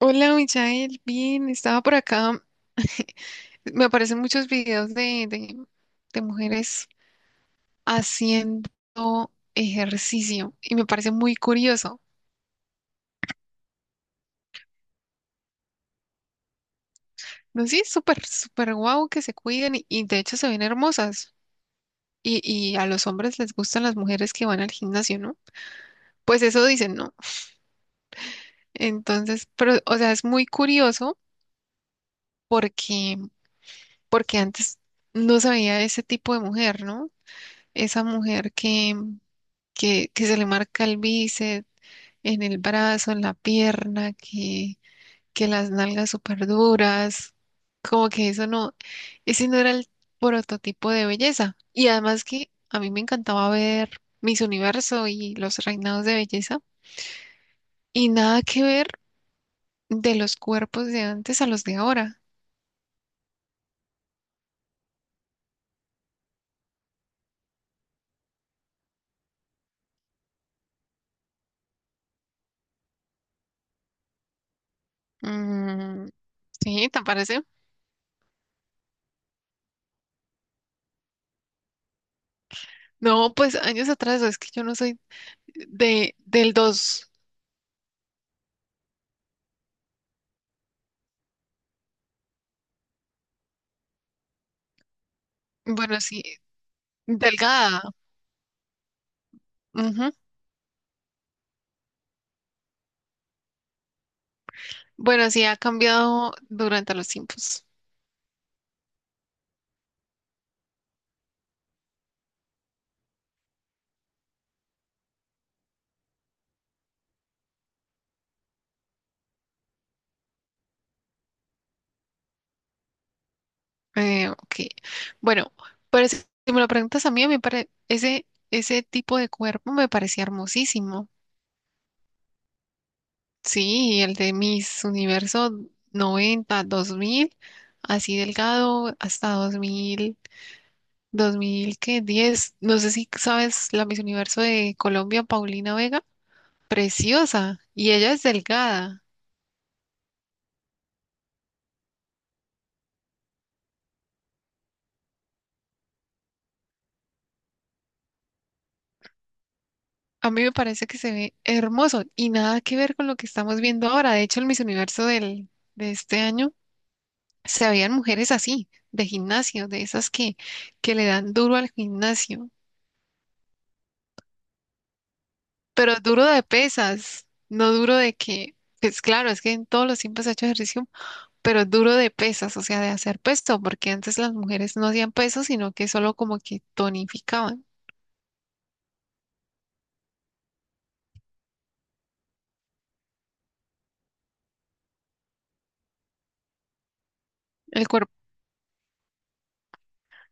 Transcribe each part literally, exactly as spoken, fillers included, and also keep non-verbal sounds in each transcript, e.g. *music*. Hola, Michael, bien, estaba por acá. *laughs* Me aparecen muchos videos de, de, de mujeres haciendo ejercicio y me parece muy curioso. No, sí, es súper, súper guau que se cuiden y, y de hecho se ven hermosas. Y, y a los hombres les gustan las mujeres que van al gimnasio, ¿no? Pues eso dicen, ¿no? Entonces, pero, o sea, es muy curioso porque, porque antes no se veía ese tipo de mujer, ¿no? Esa mujer que que, que se le marca el bíceps, en el brazo, en la pierna, que, que las nalgas súper duras, como que eso no, ese no era el prototipo de belleza. Y además que a mí me encantaba ver Miss Universo y los reinados de belleza, y nada que ver de los cuerpos de antes a los de ahora. Mm, sí, ¿te parece? No, pues años atrás, es que yo no soy de, del dos, bueno, sí, delgada. Ujú. Bueno, sí ha cambiado durante los tiempos. Eh, ok. Bueno, pero si si me lo preguntas a mí, me pare- ese, ese tipo de cuerpo me parecía hermosísimo. Sí, el de Miss Universo noventa dos mil, así delgado, hasta dos mil dos mil ¿qué? diez. No sé si sabes la Miss Universo de Colombia, Paulina Vega. Preciosa. Y ella es delgada. A mí me parece que se ve hermoso y nada que ver con lo que estamos viendo ahora. De hecho, el Miss Universo del, de este año se veían mujeres así, de gimnasio, de esas que, que le dan duro al gimnasio, pero duro de pesas, no duro de que, pues claro, es que en todos los tiempos he hecho ejercicio, pero duro de pesas, o sea, de hacer peso, porque antes las mujeres no hacían peso, sino que solo como que tonificaban el cuerpo,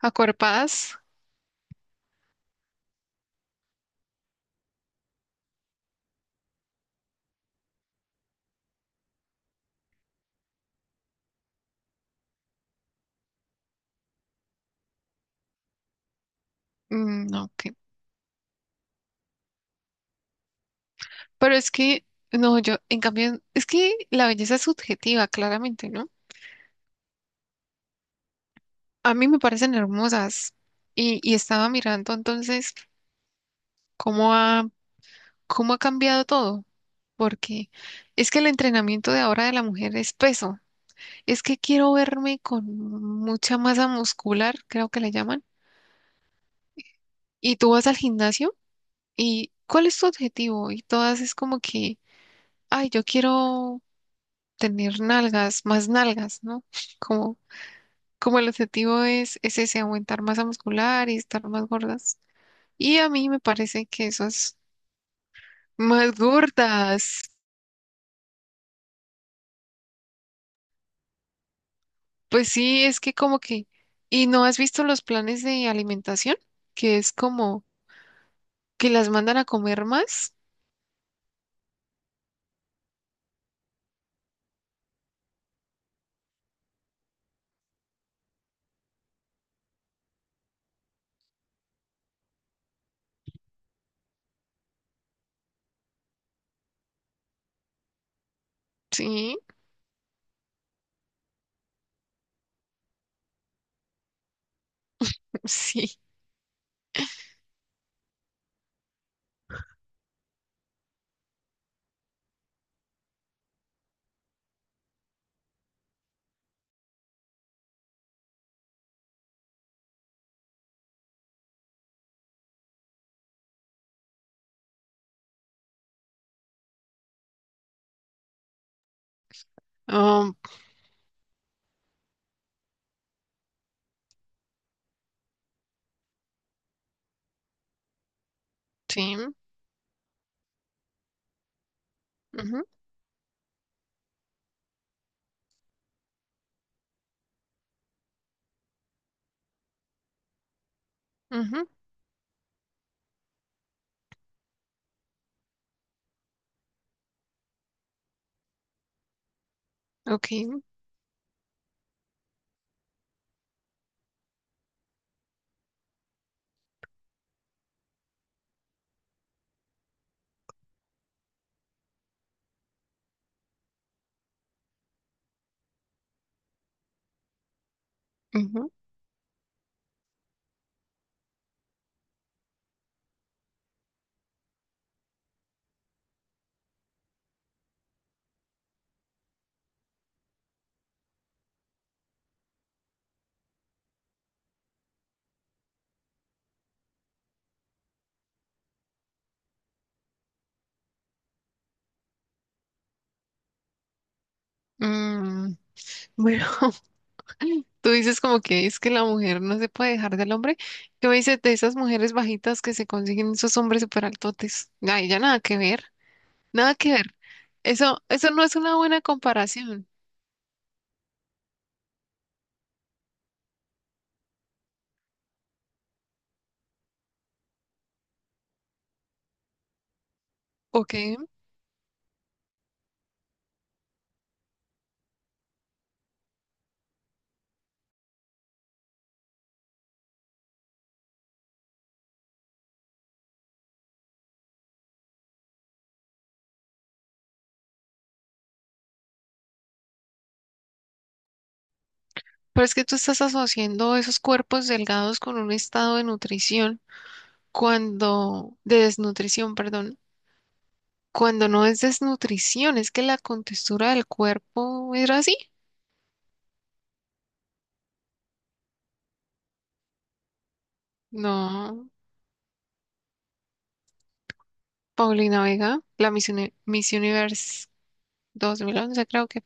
acuerpadas. Mm, no, ok. Pero es que, no, yo, en cambio, es que la belleza es subjetiva, claramente, ¿no? A mí me parecen hermosas y, y estaba mirando entonces cómo ha, cómo ha cambiado todo, porque es que el entrenamiento de ahora de la mujer es peso. Es que quiero verme con mucha masa muscular, creo que le llaman, y tú vas al gimnasio y ¿cuál es tu objetivo? Y todas es como que, ay, yo quiero tener nalgas, más nalgas, ¿no? *laughs* Como como el objetivo es, es ese, aumentar masa muscular y estar más gordas. Y a mí me parece que esas más gordas, pues sí, es que como que, ¿y no has visto los planes de alimentación? Que es como que las mandan a comer más. Sí, *laughs* sí, um, sí, ujú, ujú, ok, ujú, mm, bueno, *laughs* Tú dices como que es que la mujer no se puede dejar del hombre. Yo me dices de esas mujeres bajitas que se consiguen esos hombres súper altotes. Ay, ya nada que ver, nada que ver. Eso, eso no es una buena comparación, ¿ok? Pero es que tú estás asociando esos cuerpos delgados con un estado de nutrición cuando, de desnutrición, perdón, cuando no es desnutrición, es que la contextura del cuerpo era así. No, Paulina Vega, la Miss, Uni- Miss Universe dos mil once, creo que.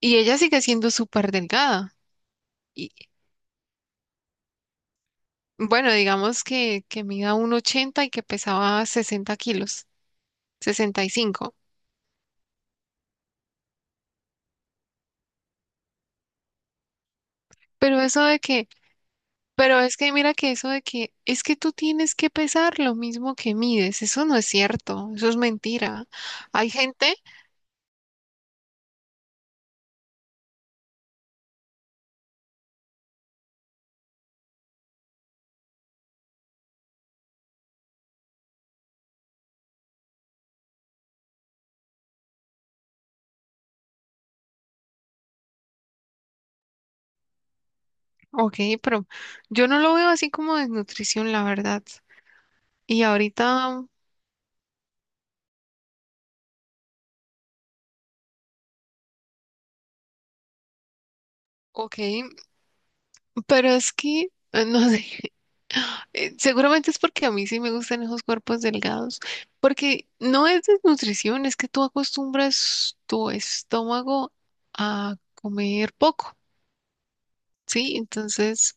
Y ella sigue siendo súper delgada. Y bueno, digamos que, que, mida un ochenta y que pesaba sesenta kilos, sesenta y cinco. Pero eso de que, pero es que mira que eso de que es que tú tienes que pesar lo mismo que mides, eso no es cierto, eso es mentira. Hay gente, ok, pero yo no lo veo así como desnutrición, la verdad. Y ahorita, ok. Pero es que, eh, no sé, *laughs* eh, seguramente es porque a mí sí me gustan esos cuerpos delgados, porque no es desnutrición, es que tú acostumbras tu estómago a comer poco, ¿sí? Entonces,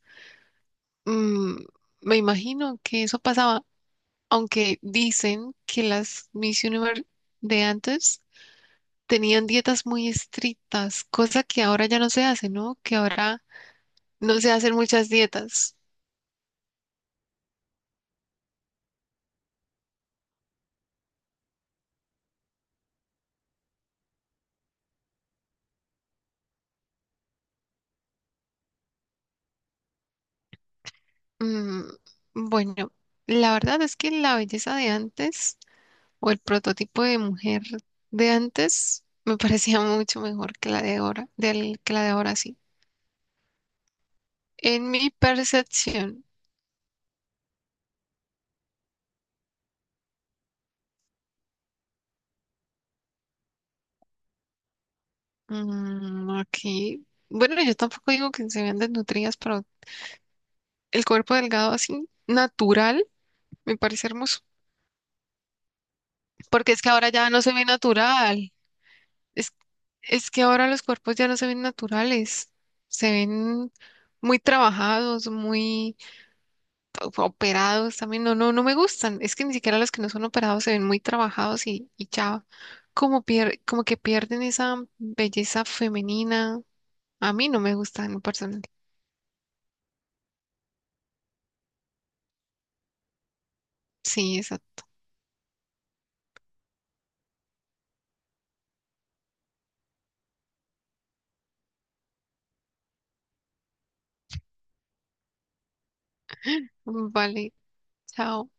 mm, me imagino que eso pasaba, aunque dicen que las Miss Universe de antes tenían dietas muy estrictas, cosa que ahora ya no se hace, ¿no? Que ahora no se hacen muchas dietas. Mm. Bueno, la verdad es que la belleza de antes o el prototipo de mujer de antes me *laughs* parecía mucho mejor que la de ahora, del, que la de ahora sí. En mi percepción, mm, aquí, bueno, yo tampoco digo que se vean desnutridas, pero el cuerpo delgado así natural me parece hermoso, porque es que ahora ya no se ve natural, es, es que ahora los cuerpos ya no se ven naturales, se ven muy trabajados, muy operados también, no, no, no me gustan. Es que ni siquiera los que no son operados se ven muy trabajados y, y ya como pier- como que pierden esa belleza femenina. A mí no me gustan en lo personal. Sí, exacto. Vale, chao.